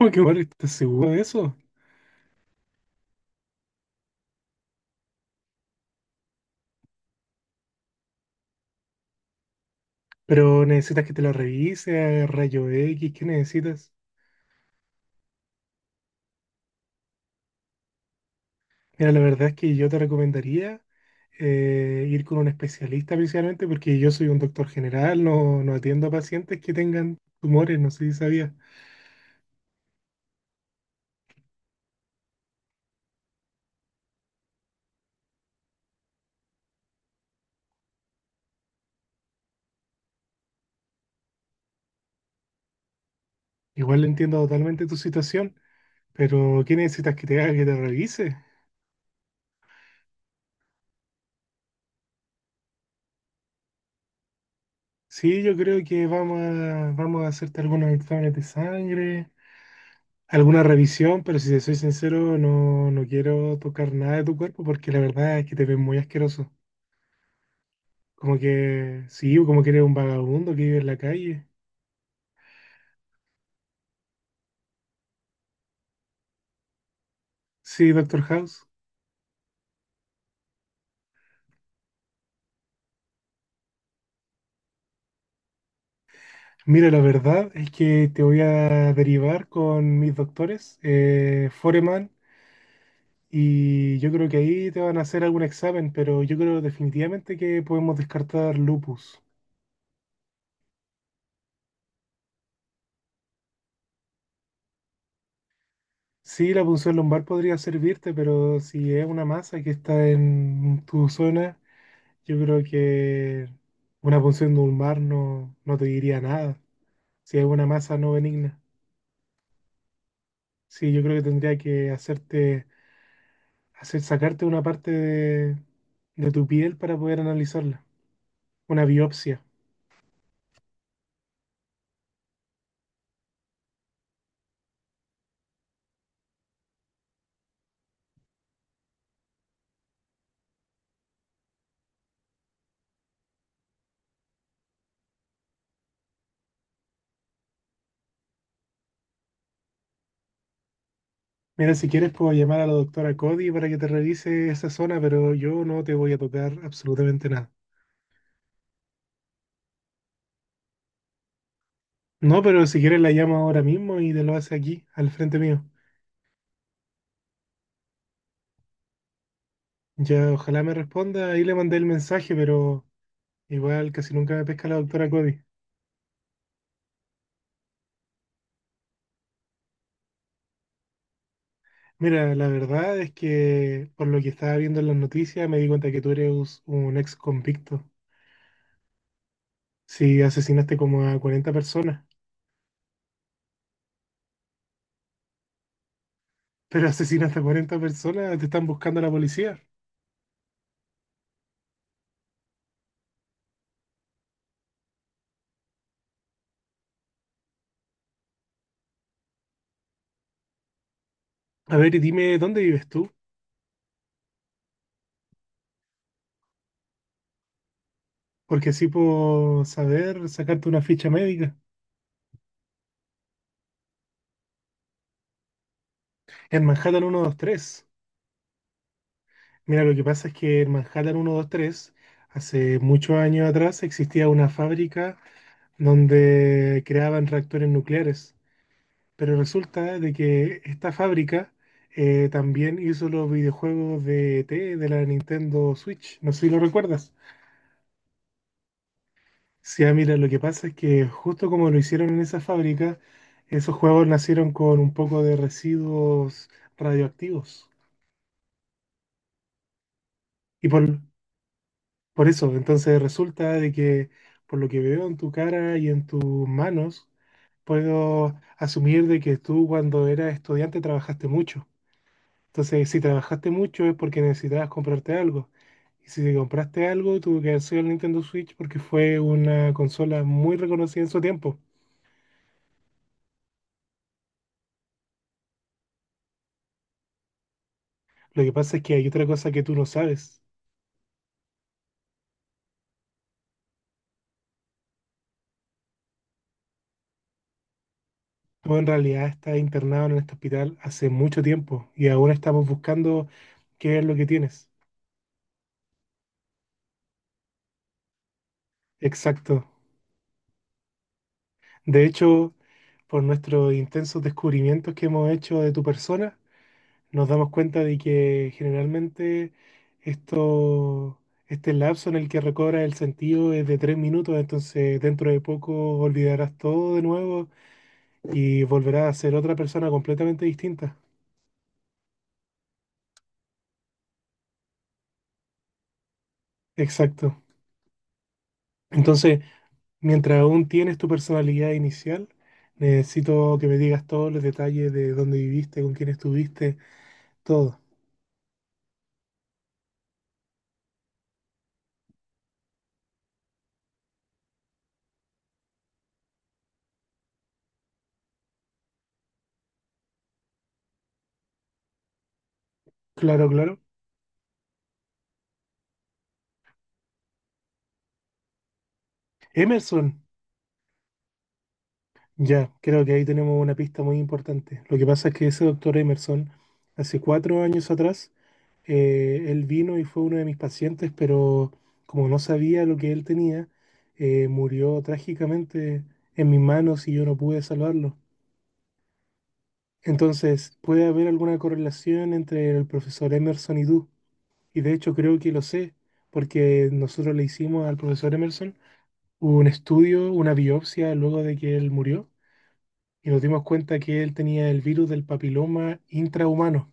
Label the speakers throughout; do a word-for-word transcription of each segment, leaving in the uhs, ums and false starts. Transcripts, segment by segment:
Speaker 1: Uy, qué mal, ¿estás seguro de eso? Pero necesitas que te la revise, rayo X, ¿qué necesitas? Mira, la verdad es que yo te recomendaría eh, ir con un especialista principalmente porque yo soy un doctor general, no, no atiendo a pacientes que tengan tumores, no sé si sabías. Igual entiendo totalmente tu situación, pero ¿qué necesitas que te haga que te revise? Sí, yo creo que vamos a, vamos a hacerte algunos exámenes de sangre, alguna revisión, pero si te soy sincero, no, no quiero tocar nada de tu cuerpo porque la verdad es que te ves muy asqueroso. Como que, sí, como que eres un vagabundo que vive en la calle. Sí, Doctor House. Mira, la verdad es que te voy a derivar con mis doctores, eh, Foreman, y yo creo que ahí te van a hacer algún examen, pero yo creo definitivamente que podemos descartar lupus. Sí, la punción lumbar podría servirte, pero si es una masa que está en tu zona, yo creo que una punción de un mar no, no te diría nada. Si es una masa no benigna. Sí, yo creo que tendría que hacerte, hacer, sacarte una parte de, de tu piel para poder analizarla. Una biopsia. Mira, si quieres puedo llamar a la doctora Cody para que te revise esa zona, pero yo no te voy a tocar absolutamente nada. No, pero si quieres la llamo ahora mismo y te lo hace aquí, al frente mío. Ya, ojalá me responda. Ahí le mandé el mensaje, pero igual casi nunca me pesca la doctora Cody. Mira, la verdad es que por lo que estaba viendo en las noticias me di cuenta que tú eres un ex convicto. Si asesinaste como a cuarenta personas, pero asesinaste a cuarenta personas, te están buscando la policía. A ver, y dime dónde vives tú, porque así puedo saber sacarte una ficha médica. En Manhattan uno dos tres. Mira, lo que pasa es que en Manhattan uno dos tres hace muchos años atrás, existía una fábrica donde creaban reactores nucleares. Pero resulta de que esta fábrica eh, también hizo los videojuegos de E T de la Nintendo Switch. No sé si lo recuerdas. Sí, ah, mira, lo que pasa es que justo como lo hicieron en esa fábrica, esos juegos nacieron con un poco de residuos radioactivos. Y por, por eso, entonces resulta de que por lo que veo en tu cara y en tus manos, puedo asumir de que tú cuando eras estudiante trabajaste mucho. Entonces, si trabajaste mucho es porque necesitabas comprarte algo. Y si te compraste algo, tuvo que haber sido el Nintendo Switch porque fue una consola muy reconocida en su tiempo. Lo que pasa es que hay otra cosa que tú no sabes. Tú en realidad estás internado en este hospital hace mucho tiempo y ahora estamos buscando qué es lo que tienes. Exacto. De hecho, por nuestros intensos descubrimientos que hemos hecho de tu persona, nos damos cuenta de que generalmente esto, este lapso en el que recobras el sentido es de tres minutos, entonces dentro de poco olvidarás todo de nuevo y volverás a ser otra persona completamente distinta. Exacto. Entonces, mientras aún tienes tu personalidad inicial, necesito que me digas todos los detalles de dónde viviste, con quién estuviste, todo. Claro, claro. Emerson. Ya, creo que ahí tenemos una pista muy importante. Lo que pasa es que ese doctor Emerson, hace cuatro años atrás, eh, él vino y fue uno de mis pacientes, pero como no sabía lo que él tenía, eh, murió trágicamente en mis manos y yo no pude salvarlo. Entonces, puede haber alguna correlación entre el profesor Emerson y tú. Y de hecho creo que lo sé, porque nosotros le hicimos al profesor Emerson un estudio, una biopsia luego de que él murió, y nos dimos cuenta que él tenía el virus del papiloma intrahumano.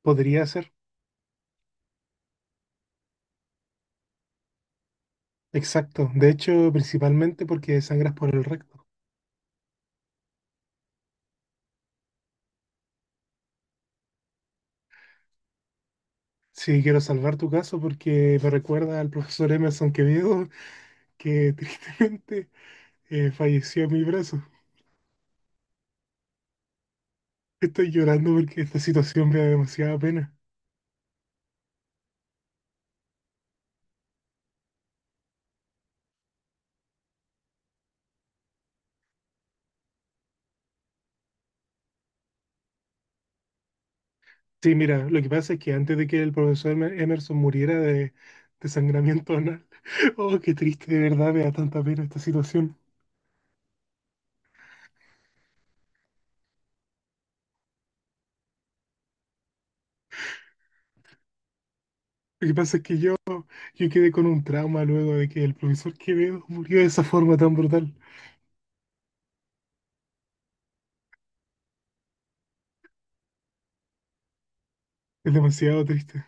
Speaker 1: Podría ser. Exacto. De hecho, principalmente porque sangras por el recto. Sí, quiero salvar tu caso porque me recuerda al profesor Emerson Quevedo, que tristemente eh, falleció en mi brazo. Estoy llorando porque esta situación me da demasiada pena. Sí, mira, lo que pasa es que antes de que el profesor Emer- Emerson muriera de desangramiento anal, oh, qué triste, de verdad, me da tanta pena esta situación. Lo que pasa es que yo, yo quedé con un trauma luego de que el profesor Quevedo murió de esa forma tan brutal. Es demasiado triste.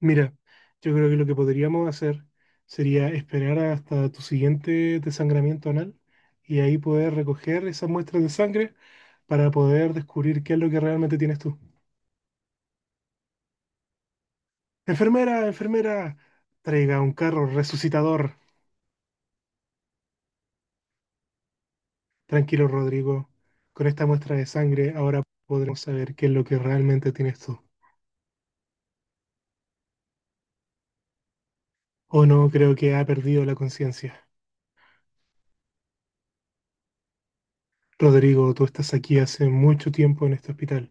Speaker 1: Mira, yo creo que lo que podríamos hacer sería esperar hasta tu siguiente desangramiento anal y ahí poder recoger esas muestras de sangre para poder descubrir qué es lo que realmente tienes tú. Enfermera, enfermera, traiga un carro resucitador. Tranquilo, Rodrigo. Con esta muestra de sangre ahora podremos saber qué es lo que realmente tienes tú. O no, creo que ha perdido la conciencia. Rodrigo, tú estás aquí hace mucho tiempo en este hospital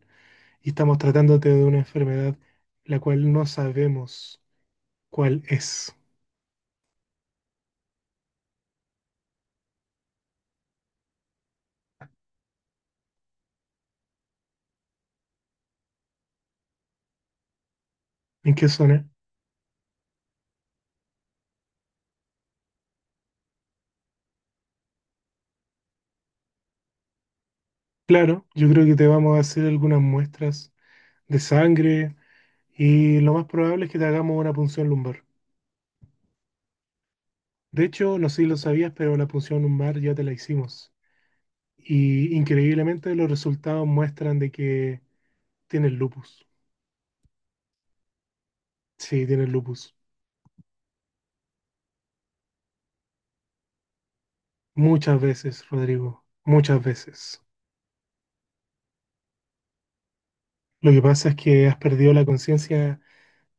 Speaker 1: y estamos tratándote de una enfermedad la cual no sabemos cuál es. ¿En qué zona? Claro, yo creo que te vamos a hacer algunas muestras de sangre y lo más probable es que te hagamos una punción lumbar. De hecho, no sé si lo sabías, pero la punción lumbar ya te la hicimos. Y increíblemente los resultados muestran de que tienes lupus. Sí, tienes lupus. Muchas veces, Rodrigo. Muchas veces. Lo que pasa es que has perdido la conciencia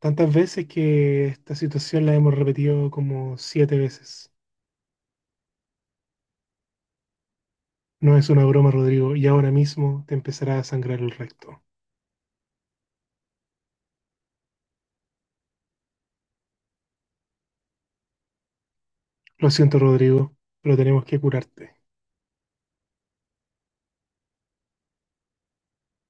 Speaker 1: tantas veces que esta situación la hemos repetido como siete veces. No es una broma, Rodrigo, y ahora mismo te empezará a sangrar el recto. Lo siento, Rodrigo, pero tenemos que curarte.